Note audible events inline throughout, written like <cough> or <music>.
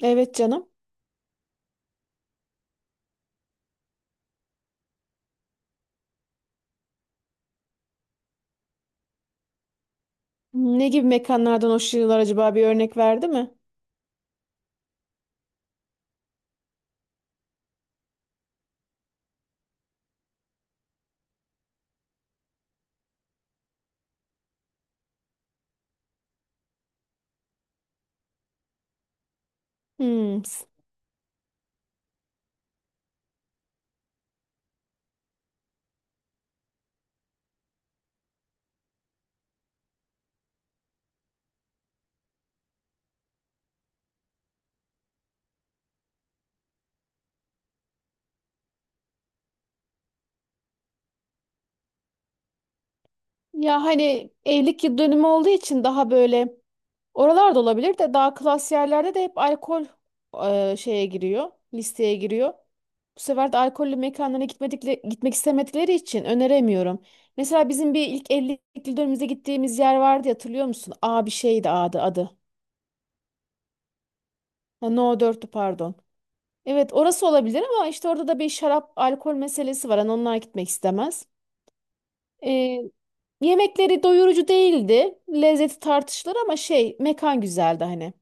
Evet canım. Ne gibi mekanlardan hoşlanıyorlar acaba bir örnek verdi mi? Hmm. Ya hani evlilik yıl dönümü olduğu için daha böyle oralarda olabilir de daha klas yerlerde de hep alkol şeye giriyor, listeye giriyor. Bu sefer de alkollü mekanlara gitmek istemedikleri için öneremiyorum. Mesela bizim bir ilk evlilik yıl dönümümüze gittiğimiz yer vardı ya, hatırlıyor musun? A bir şeydi adı. Ha, No 4'tü pardon. Evet orası olabilir ama işte orada da bir şarap alkol meselesi var. Hani onlar gitmek istemez. Ee, Yemekleri doyurucu değildi. Lezzeti tartışılır ama şey mekan güzeldi hani.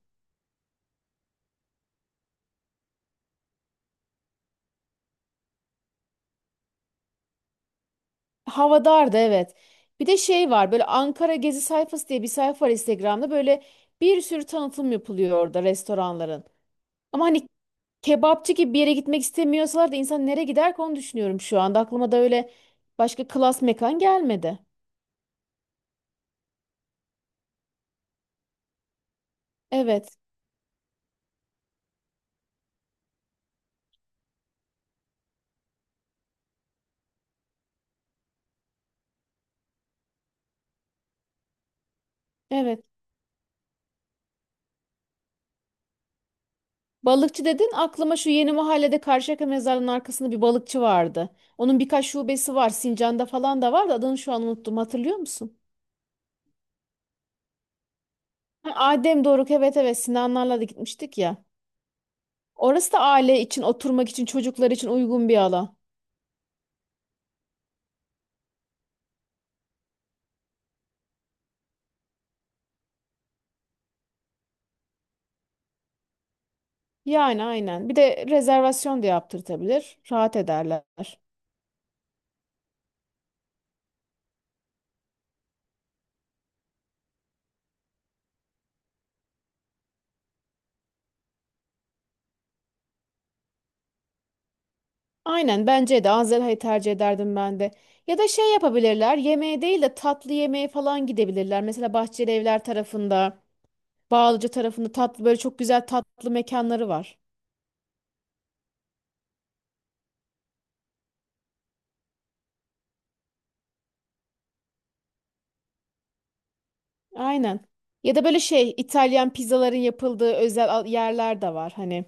Hava dardı evet. Bir de şey var böyle Ankara Gezi sayfası diye bir sayfa var Instagram'da. Böyle bir sürü tanıtım yapılıyor orada restoranların. Ama hani kebapçı gibi bir yere gitmek istemiyorsalar da insan nereye gider ki onu düşünüyorum şu anda. Aklıma da öyle başka klas mekan gelmedi. Evet. Evet. Balıkçı dedin aklıma şu yeni mahallede Karşıyaka mezarının arkasında bir balıkçı vardı. Onun birkaç şubesi var. Sincan'da falan da var da adını şu an unuttum. Hatırlıyor musun? Ha, Adem Doruk, evet, evet, Sinanlarla da gitmiştik ya. Orası da aile için, oturmak için, çocuklar için uygun bir alan. Yani aynen. Bir de rezervasyon da yaptırtabilir. Rahat ederler. Aynen, bence de Anzelha'yı tercih ederdim ben de. Ya da şey yapabilirler. Yemeğe değil de tatlı yemeğe falan gidebilirler. Mesela Bahçeli Evler tarafında. Bağlıca tarafında tatlı böyle çok güzel tatlı mekanları var. Aynen. Ya da böyle şey İtalyan pizzaların yapıldığı özel yerler de var. Hani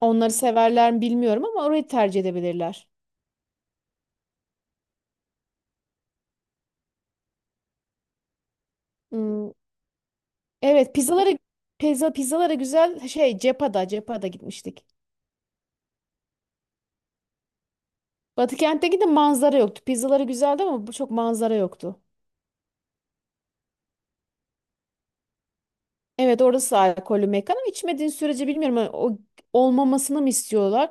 onları severler mi bilmiyorum ama orayı tercih edebilirler. Hmm, evet, pizzalara pizzalara güzel şey Cepa'da gitmiştik. Batıkent'teki de manzara yoktu. Pizzaları güzeldi ama bu çok manzara yoktu. Evet, orası alkollü mekan ama içmediğin sürece bilmiyorum. Hani o olmamasını mı istiyorlar?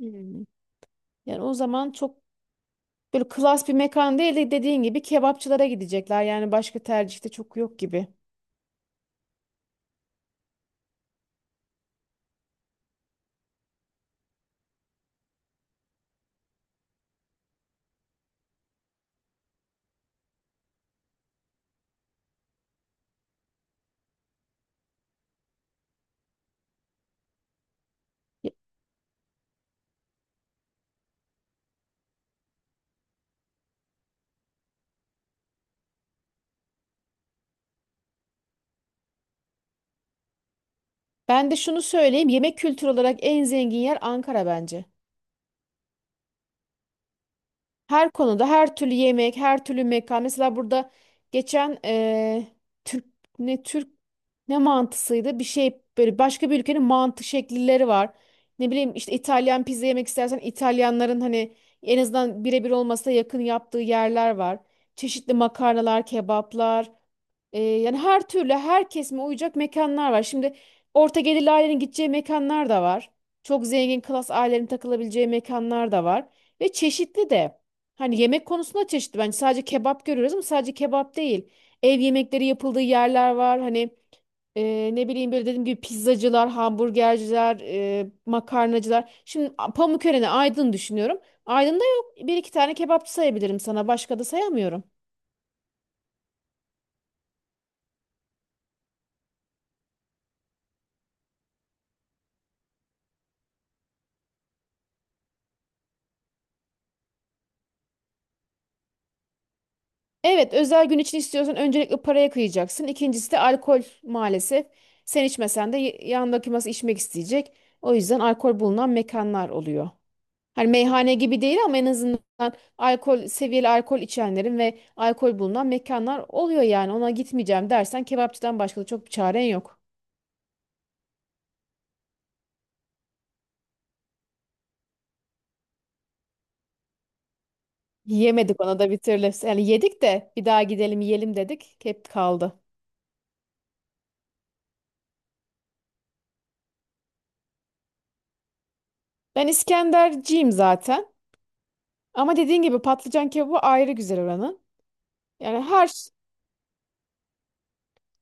Hmm. Yani o zaman çok böyle klas bir mekan değil de dediğin gibi kebapçılara gidecekler. Yani başka tercihte çok yok gibi. Ben de şunu söyleyeyim. Yemek kültürü olarak en zengin yer Ankara bence. Her konuda her türlü yemek, her türlü mekan. Mesela burada geçen Türk ne Türk ne mantısıydı? Bir şey böyle başka bir ülkenin mantı şekilleri var. Ne bileyim işte İtalyan pizza yemek istersen İtalyanların hani en azından birebir olmasa da yakın yaptığı yerler var. Çeşitli makarnalar, kebaplar. Yani her türlü her kesime uyacak mekanlar var. Şimdi orta gelirli ailenin gideceği mekanlar da var. Çok zengin klas ailenin takılabileceği mekanlar da var. Ve çeşitli de. Hani yemek konusunda çeşitli, bence sadece kebap görüyoruz ama sadece kebap değil. Ev yemekleri yapıldığı yerler var. Hani ne bileyim böyle dediğim gibi pizzacılar, hamburgerciler, makarnacılar. Şimdi Pamukören'i, Aydın düşünüyorum. Aydın'da yok. Bir iki tane kebapçı sayabilirim sana. Başka da sayamıyorum. Evet, özel gün için istiyorsan öncelikle paraya kıyacaksın. İkincisi de alkol maalesef. Sen içmesen de yanındaki masa içmek isteyecek. O yüzden alkol bulunan mekanlar oluyor. Hani meyhane gibi değil ama en azından alkol seviyeli, alkol içenlerin ve alkol bulunan mekanlar oluyor yani. Ona gitmeyeceğim dersen kebapçıdan başka da çok bir çaren yok. Yemedik ona da bir türlü. Yani yedik de bir daha gidelim yiyelim dedik. Hep kaldı. Ben İskenderciyim zaten. Ama dediğin gibi patlıcan kebabı ayrı güzel oranın. Yani her ş-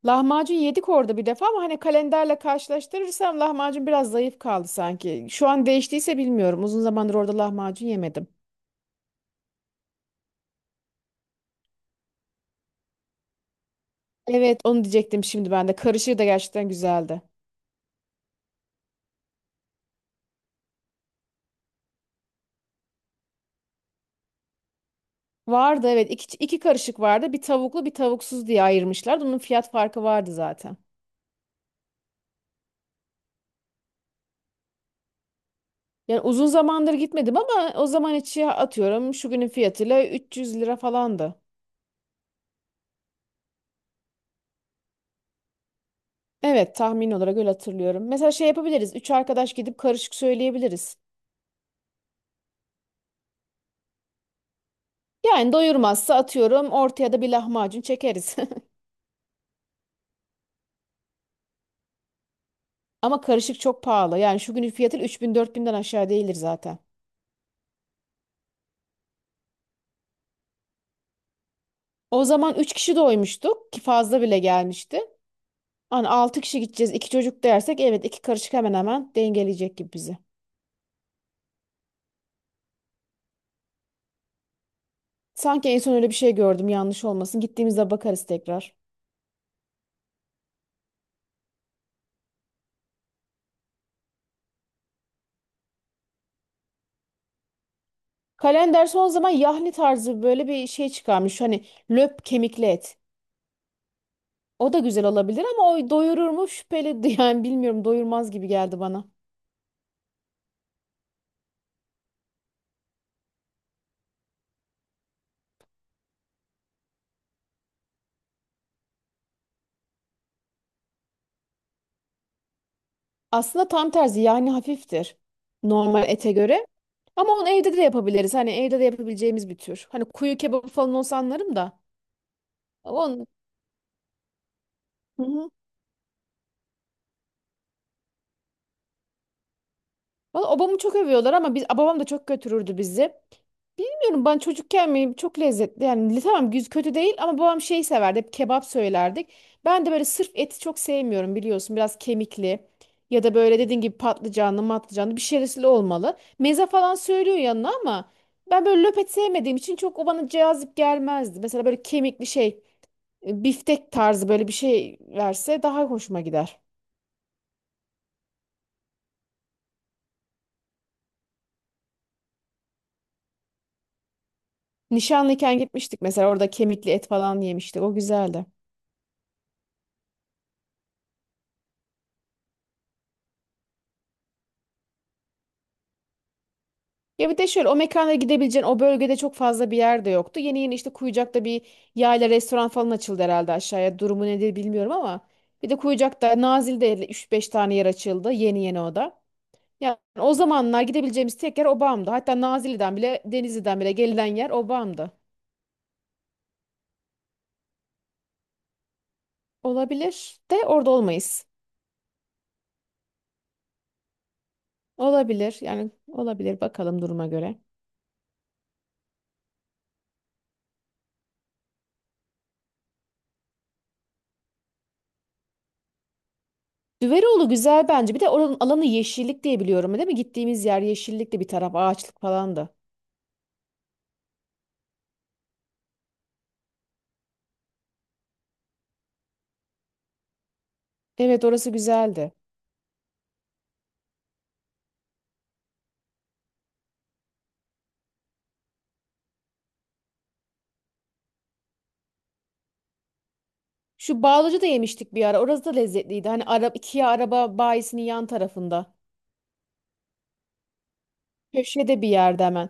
Lahmacun yedik orada bir defa ama hani kalenderle karşılaştırırsam lahmacun biraz zayıf kaldı sanki. Şu an değiştiyse bilmiyorum. Uzun zamandır orada lahmacun yemedim. Evet, onu diyecektim şimdi ben de. Karışığı da gerçekten güzeldi. Vardı evet, iki karışık vardı. Bir tavuklu bir tavuksuz diye ayırmışlardı. Onun fiyat farkı vardı zaten. Yani uzun zamandır gitmedim ama o zaman içi atıyorum şu günün fiyatıyla 300 lira falandı. Evet, tahmin olarak öyle hatırlıyorum. Mesela şey yapabiliriz. Üç arkadaş gidip karışık söyleyebiliriz. Yani doyurmazsa atıyorum ortaya da bir lahmacun çekeriz. <laughs> Ama karışık çok pahalı. Yani şu günün fiyatı 3.000-4.000'den aşağı değildir zaten. O zaman 3 kişi doymuştuk ki fazla bile gelmişti. Hani 6 kişi gideceğiz, 2 çocuk dersek evet iki karışık hemen hemen dengeleyecek gibi bizi. Sanki en son öyle bir şey gördüm, yanlış olmasın. Gittiğimizde bakarız tekrar. Kalender son zaman yahni tarzı böyle bir şey çıkarmış. Hani löp kemikli et. O da güzel olabilir ama o doyurur mu şüpheli <laughs> yani bilmiyorum, doyurmaz gibi geldi bana. Aslında tam tersi, yahni hafiftir normal ete göre. Ama onu evde de yapabiliriz. Hani evde de yapabileceğimiz bir tür. Hani kuyu kebabı falan olsa anlarım da. Onun... Valla obamı çok övüyorlar ama biz, babam da çok götürürdü bizi. Bilmiyorum ben çocukken mi çok lezzetli, yani tamam, kötü değil ama babam şey severdi, hep kebap söylerdik. Ben de böyle sırf eti çok sevmiyorum biliyorsun, biraz kemikli ya da böyle dediğin gibi patlıcanlı matlıcanlı bir şeyli olmalı. Meze falan söylüyor yanına ama ben böyle löpet sevmediğim için çok o bana cazip gelmezdi. Mesela böyle kemikli şey biftek tarzı böyle bir şey verse daha hoşuma gider. Nişanlıyken gitmiştik mesela, orada kemikli et falan yemiştik, o güzeldi. Ya bir de şöyle, o mekana gidebileceğin o bölgede çok fazla bir yer de yoktu. Yeni yeni işte Kuyucak'ta bir yayla restoran falan açıldı herhalde aşağıya. Durumu nedir bilmiyorum ama. Bir de Kuyucak'ta Nazilli'de üç beş tane yer açıldı. Yeni yeni o da. Yani o zamanlar gidebileceğimiz tek yer Obam'dı. Hatta Nazilli'den bile, Denizli'den bile gelinen yer Obam'dı. Olabilir de, orada olmayız. Olabilir, yani olabilir, bakalım duruma göre. Düveroğlu güzel bence. Bir de oranın alanı yeşillik diye biliyorum değil mi? Gittiğimiz yer yeşillikti, bir taraf ağaçlık falandı. Evet, orası güzeldi. Şu Bağlıcı da yemiştik bir ara. Orası da lezzetliydi. Hani Kia araba bayisinin yan tarafında. Köşede bir yerde hemen.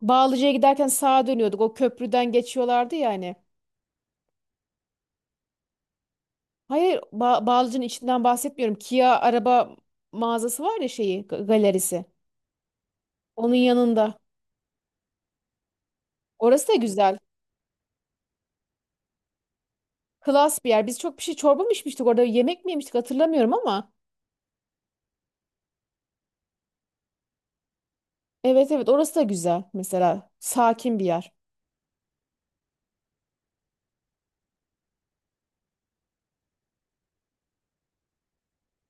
Bağlıcı'ya giderken sağa dönüyorduk. O köprüden geçiyorlardı ya hani. Hayır, Bağlıcı'nın içinden bahsetmiyorum. Kia araba mağazası var ya, şeyi galerisi. Onun yanında. Orası da güzel. Klas bir yer. Biz çok bir şey, çorba mı içmiştik orada yemek mi yemiştik hatırlamıyorum ama. Evet, evet, orası da güzel mesela. Sakin bir yer.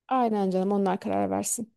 Aynen canım, onlar karar versin.